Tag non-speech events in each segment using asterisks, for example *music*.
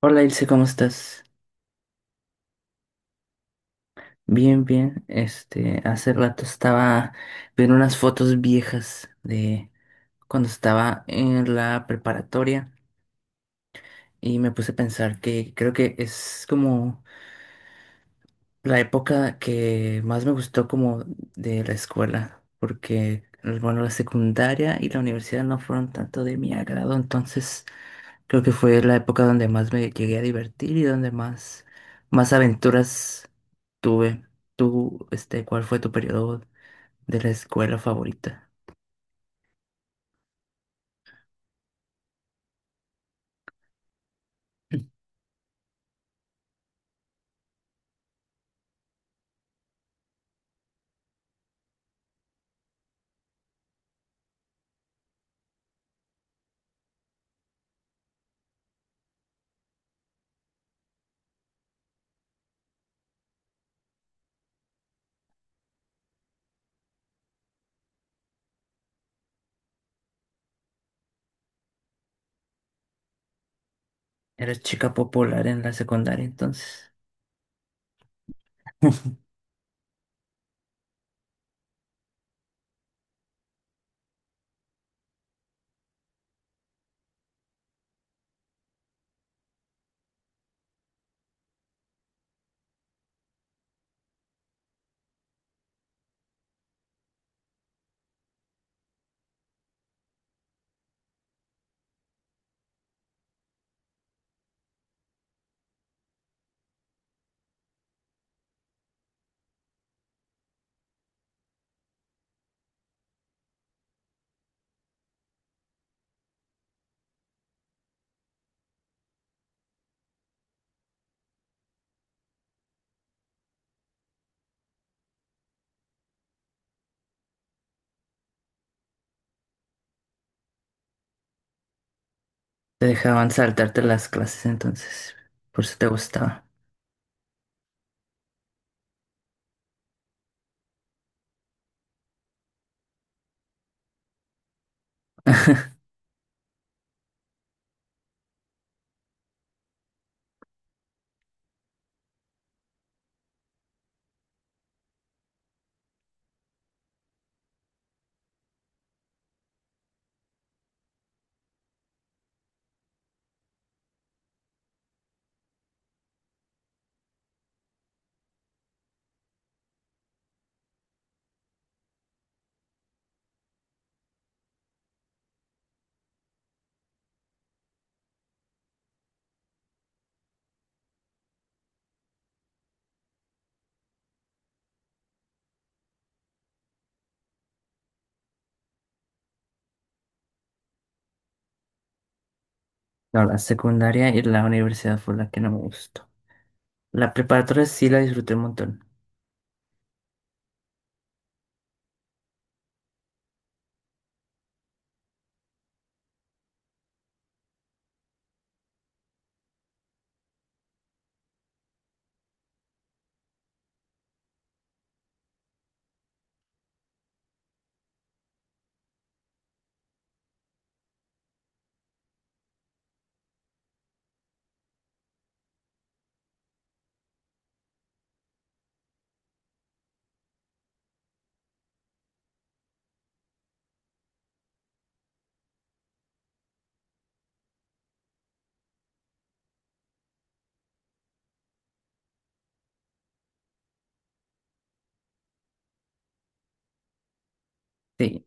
Hola Ilse, ¿cómo estás? Bien, bien. Hace rato estaba viendo unas fotos viejas de cuando estaba en la preparatoria y me puse a pensar que creo que es como la época que más me gustó como de la escuela, porque bueno, la secundaria y la universidad no fueron tanto de mi agrado, entonces creo que fue la época donde más me llegué a divertir y donde más aventuras tuve. ¿Tú, cuál fue tu periodo de la escuela favorita? Eras chica popular en la secundaria entonces. *laughs* Te dejaban saltarte las clases entonces. Por eso te gustaba. *laughs* No, la secundaria y la universidad fue la que no me gustó. La preparatoria sí la disfruté un montón. Sí,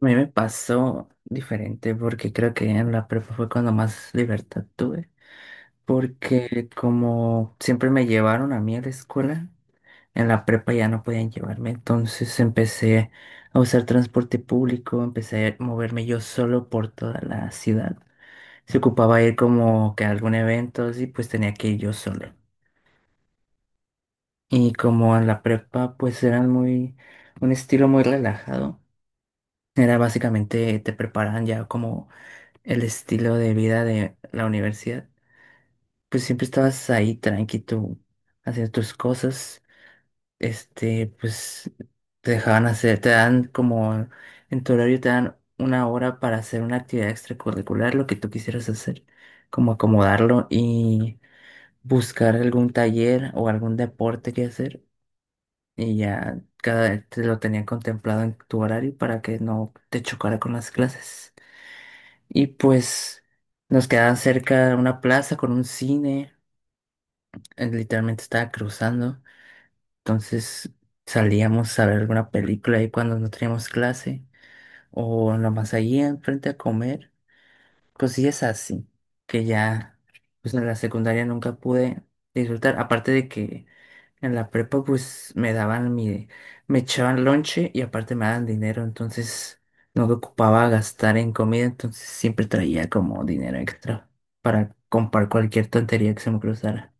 a mí me pasó diferente porque creo que en la prepa fue cuando más libertad tuve. Porque como siempre me llevaron a mí a la escuela, en la prepa ya no podían llevarme. Entonces empecé a usar transporte público, empecé a moverme yo solo por toda la ciudad. Se ocupaba ir como que a algún evento y pues tenía que ir yo solo. Y como en la prepa pues eran muy, un estilo muy relajado. Era básicamente te preparan ya como el estilo de vida de la universidad. Pues siempre estabas ahí tranqui tú haciendo tus cosas. Pues te dejaban hacer, te dan como en tu horario te dan una hora para hacer una actividad extracurricular, lo que tú quisieras hacer, como acomodarlo y buscar algún taller o algún deporte que hacer. Y ya cada te lo tenían contemplado en tu horario para que no te chocara con las clases. Y pues nos quedaba cerca una plaza con un cine, literalmente estaba cruzando, entonces salíamos a ver alguna película ahí cuando no teníamos clase o nomás allí enfrente a comer cosillas así, que ya pues en la secundaria nunca pude disfrutar, aparte de que en la prepa pues me daban me echaban lonche y aparte me daban dinero, entonces no me ocupaba gastar en comida, entonces siempre traía como dinero extra para comprar cualquier tontería que se me cruzara.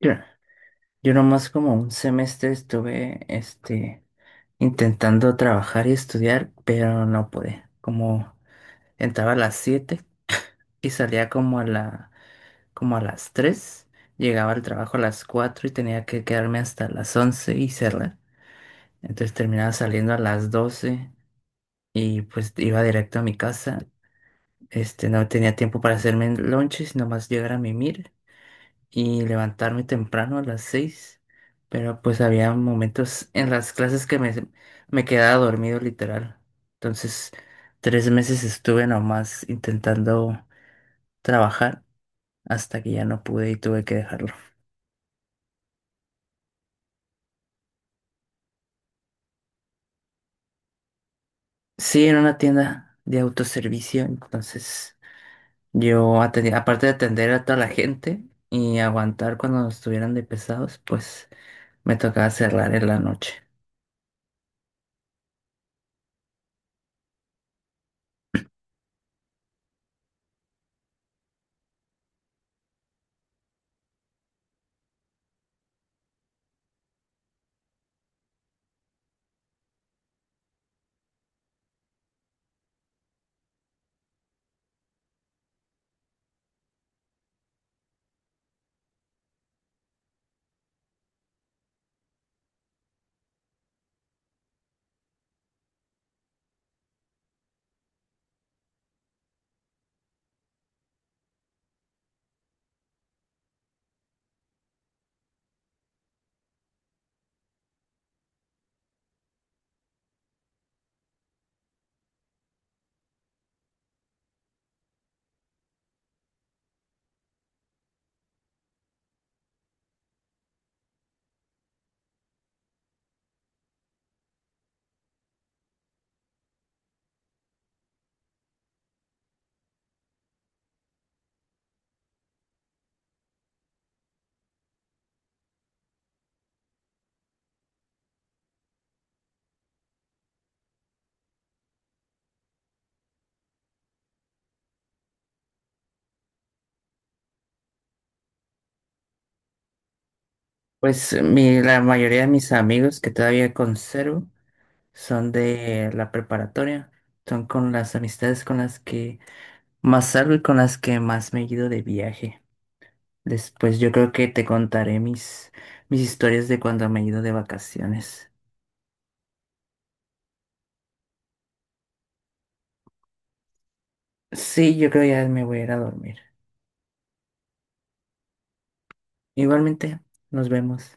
Yo, yo nomás como un semestre estuve intentando trabajar y estudiar, pero no pude, como entraba a las 7 y salía como a las 3, llegaba al trabajo a las 4 y tenía que quedarme hasta las 11 y cerrar. Entonces terminaba saliendo a las 12 y pues iba directo a mi casa. No tenía tiempo para hacerme el lonche, sino más llegar a mimir y levantarme temprano a las 6. Pero pues había momentos en las clases que me quedaba dormido literal. Entonces, 3 meses estuve nomás intentando trabajar hasta que ya no pude y tuve que dejarlo. Sí, en una tienda de autoservicio, entonces yo atendía, aparte de atender a toda la gente y aguantar cuando estuvieran de pesados, pues me tocaba cerrar en la noche. Pues la mayoría de mis amigos que todavía conservo son de la preparatoria, son con las amistades con las que más salgo y con las que más me he ido de viaje. Después yo creo que te contaré mis historias de cuando me he ido de vacaciones. Sí, yo creo ya me voy a ir a dormir. Igualmente, nos vemos.